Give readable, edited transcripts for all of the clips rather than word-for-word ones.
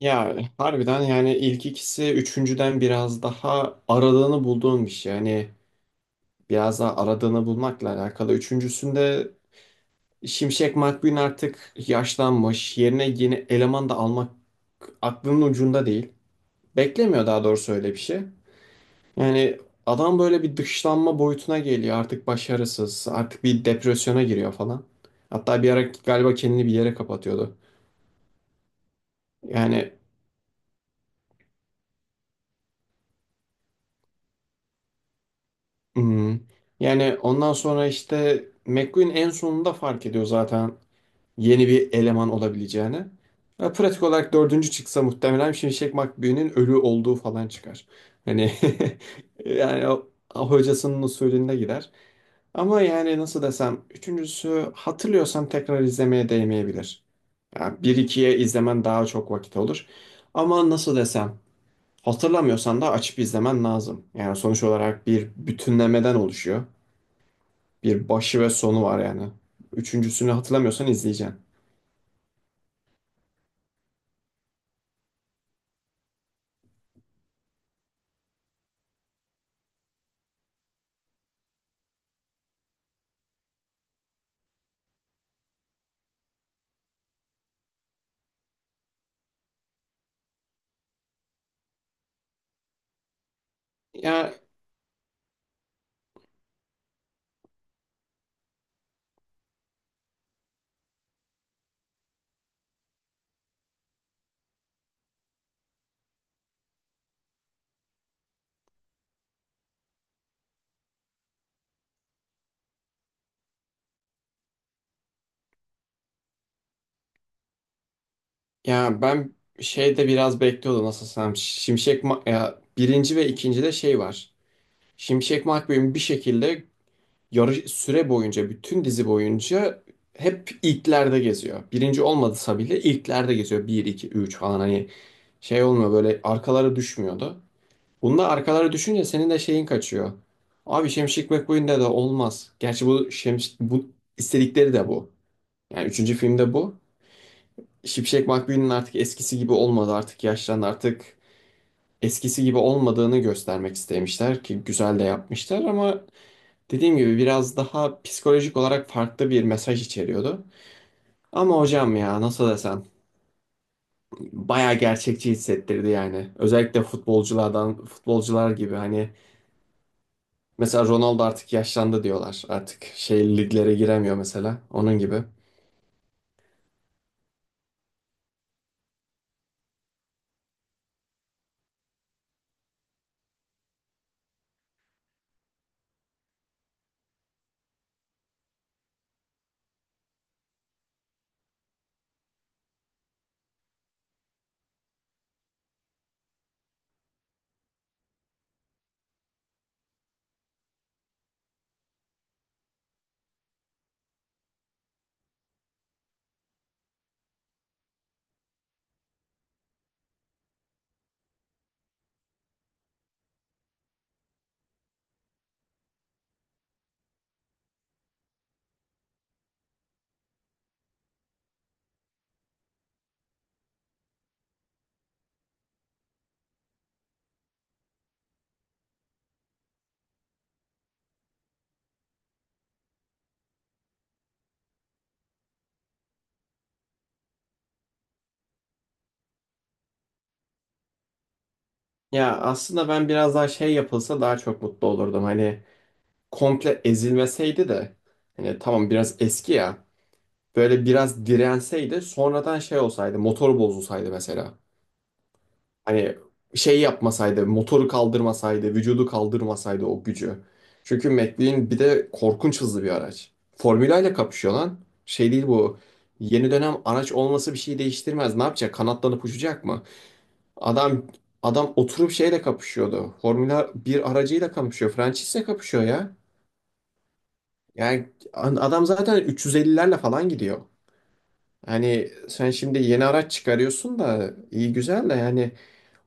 Ya harbiden yani ilk ikisi üçüncüden biraz daha aradığını bulduğum bir şey. Yani biraz daha aradığını bulmakla alakalı. Üçüncüsünde Şimşek McQueen artık yaşlanmış. Yerine yeni eleman da almak aklının ucunda değil. Beklemiyor daha doğrusu öyle bir şey. Yani adam böyle bir dışlanma boyutuna geliyor. Artık başarısız. Artık bir depresyona giriyor falan. Hatta bir ara galiba kendini bir yere kapatıyordu. Yani Hmm. Yani ondan sonra işte McQueen en sonunda fark ediyor zaten yeni bir eleman olabileceğini. Ya pratik olarak dördüncü çıksa muhtemelen Şimşek McQueen'in ölü olduğu falan çıkar. Hani yani o hocasının usulünde gider. Ama yani nasıl desem üçüncüsü hatırlıyorsam tekrar izlemeye değmeyebilir. Yani bir ikiye izlemen daha çok vakit olur. Ama nasıl desem hatırlamıyorsan da açıp izlemen lazım. Yani sonuç olarak bir bütünlemeden oluşuyor. Bir başı ve sonu var yani. Üçüncüsünü hatırlamıyorsan izleyeceksin. Ya ya ben şeyde biraz bekliyordum nasıl desem. Ya birinci ve ikincide şey var. Şimşek McQueen bir şekilde yarı süre boyunca bütün dizi boyunca hep ilklerde geziyor. Birinci olmadısa bile ilklerde geziyor. Bir 2 3 falan hani şey olmuyor, böyle arkalara düşmüyordu. Bunda arkalara düşünce senin de şeyin kaçıyor. Abi Şemşik McQueen'de de olmaz. Gerçi bu Şems bu istedikleri de bu. Yani üçüncü filmde bu. Şipşek McQueen'in artık eskisi gibi olmadı. Artık yaşlandı. Artık eskisi gibi olmadığını göstermek istemişler ki güzel de yapmışlar ama dediğim gibi biraz daha psikolojik olarak farklı bir mesaj içeriyordu. Ama hocam ya nasıl desem bayağı gerçekçi hissettirdi yani. Özellikle futbolculardan futbolcular gibi hani mesela Ronaldo artık yaşlandı diyorlar. Artık şey liglere giremiyor mesela. Onun gibi. Ya aslında ben biraz daha şey yapılsa daha çok mutlu olurdum. Hani komple ezilmeseydi de hani tamam biraz eski ya. Böyle biraz direnseydi, sonradan şey olsaydı, motoru bozulsaydı mesela. Hani şey yapmasaydı, motoru kaldırmasaydı, vücudu kaldırmasaydı o gücü. Çünkü McLaren bir de korkunç hızlı bir araç. Formula ile kapışıyor lan. Şey değil bu. Yeni dönem araç olması bir şey değiştirmez. Ne yapacak? Kanatlanıp uçacak mı? Adam, adam oturup şeyle kapışıyordu. Formula bir aracıyla kapışıyor. Francis'le kapışıyor ya. Yani adam zaten 350'lerle falan gidiyor. Hani sen şimdi yeni araç çıkarıyorsun da iyi güzel de yani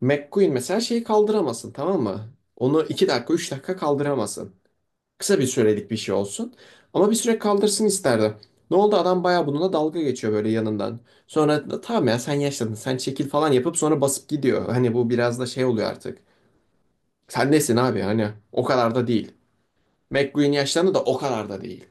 McQueen mesela şeyi kaldıramasın tamam mı? Onu 2 dakika 3 dakika kaldıramasın. Kısa bir sürelik bir şey olsun. Ama bir süre kaldırsın isterdi. Ne oldu adam bayağı bununla dalga geçiyor böyle yanından. Sonra tamam ya sen yaşlandın sen çekil falan yapıp sonra basıp gidiyor. Hani bu biraz da şey oluyor artık. Sen nesin abi, hani o kadar da değil. McQueen yaşlandı da o kadar da değil.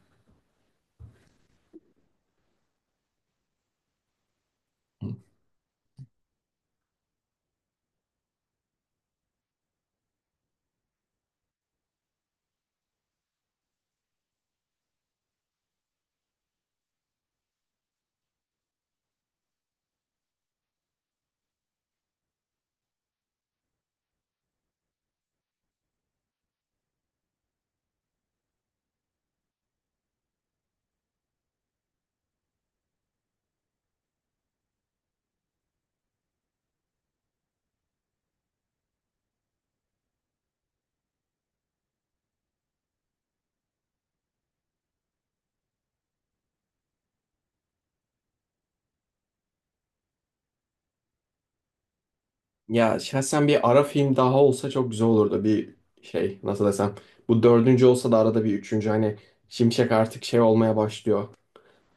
Ya şahsen bir ara film daha olsa çok güzel olurdu. Bir şey nasıl desem. Bu dördüncü olsa da arada bir üçüncü hani Şimşek artık şey olmaya başlıyor.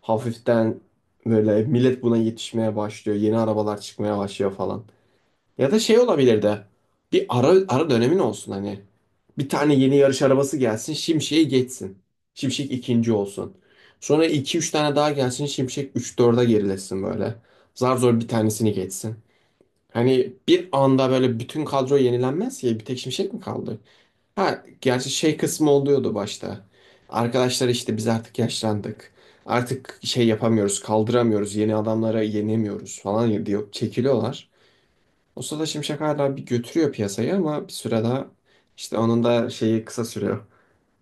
Hafiften böyle millet buna yetişmeye başlıyor. Yeni arabalar çıkmaya başlıyor falan. Ya da şey olabilir de bir ara, ara dönemin olsun hani. Bir tane yeni yarış arabası gelsin, Şimşek'i geçsin. Şimşek ikinci olsun. Sonra iki üç tane daha gelsin, Şimşek üç 4'e gerilesin böyle. Zar zor bir tanesini geçsin. Hani bir anda böyle bütün kadro yenilenmez ya, bir tek Şimşek mi kaldı? Ha, gerçi şey kısmı oluyordu başta. Arkadaşlar işte biz artık yaşlandık. Artık şey yapamıyoruz, kaldıramıyoruz, yeni adamlara yenemiyoruz falan diyor, çekiliyorlar. O sırada Şimşek hala bir götürüyor piyasayı ama bir süre daha işte onun da şeyi kısa sürüyor.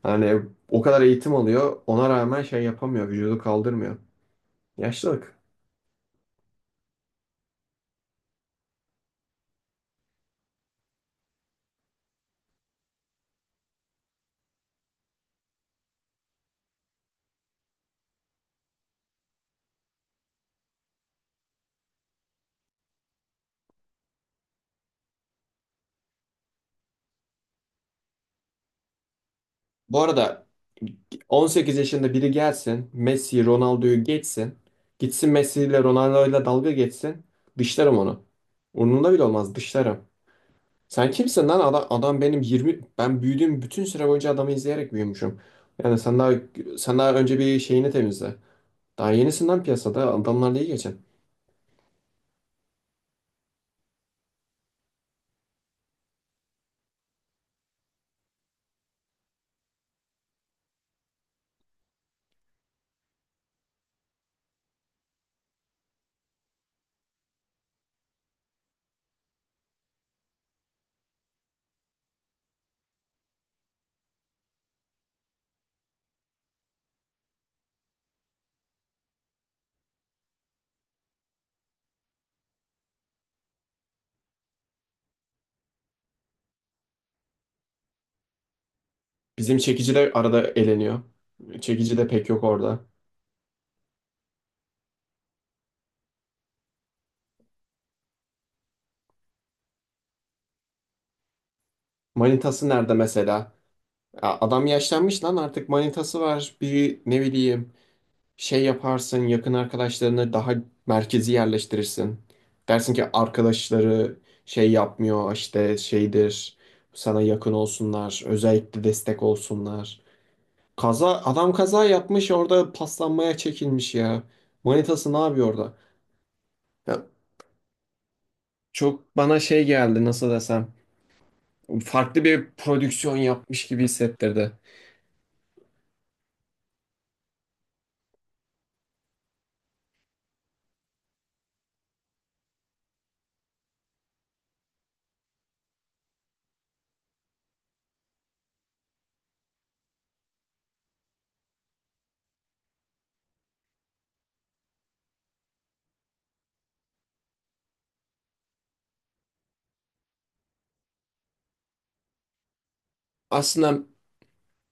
Hani o kadar eğitim alıyor, ona rağmen şey yapamıyor, vücudu kaldırmıyor. Yaşlılık. Bu arada 18 yaşında biri gelsin, Messi, Ronaldo'yu geçsin. Gitsin Messi ile Ronaldo ile dalga geçsin. Dışlarım onu. Umurumda bile olmaz, dışlarım. Sen kimsin lan? Adam, adam benim 20... Ben büyüdüğüm bütün süre boyunca adamı izleyerek büyümüşüm. Yani sen daha önce bir şeyini temizle. Daha yenisinden piyasada. Adamlarla iyi geçin. Bizim çekici de arada eleniyor. Çekici de pek yok orada. Manitası nerede mesela? Ya adam yaşlanmış lan, artık manitası var. Bir ne bileyim şey yaparsın, yakın arkadaşlarını daha merkezi yerleştirirsin. Dersin ki arkadaşları şey yapmıyor işte şeydir, sana yakın olsunlar, özellikle destek olsunlar. Kaza adam kaza yapmış orada, paslanmaya çekilmiş ya. Manitası ne yapıyor orada? Ya çok bana şey geldi nasıl desem, farklı bir prodüksiyon yapmış gibi hissettirdi. Aslında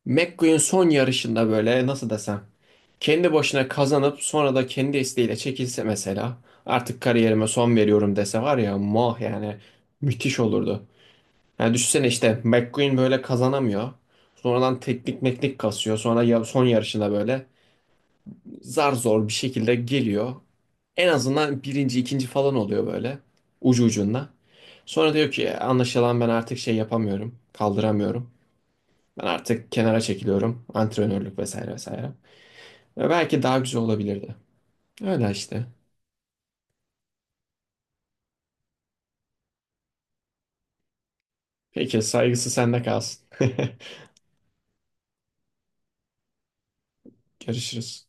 McQueen son yarışında böyle nasıl desem kendi başına kazanıp sonra da kendi isteğiyle çekilse mesela, artık kariyerime son veriyorum dese var ya mah yani müthiş olurdu. Yani düşünsene işte McQueen böyle kazanamıyor. Sonradan teknik meknik kasıyor. Sonra son yarışında böyle zar zor bir şekilde geliyor. En azından birinci, ikinci falan oluyor böyle ucu ucunda. Sonra diyor ki anlaşılan ben artık şey yapamıyorum, kaldıramıyorum. Ben artık kenara çekiliyorum. Antrenörlük vesaire vesaire. Ve belki daha güzel olabilirdi. Öyle işte. Peki saygısı sende kalsın. Görüşürüz.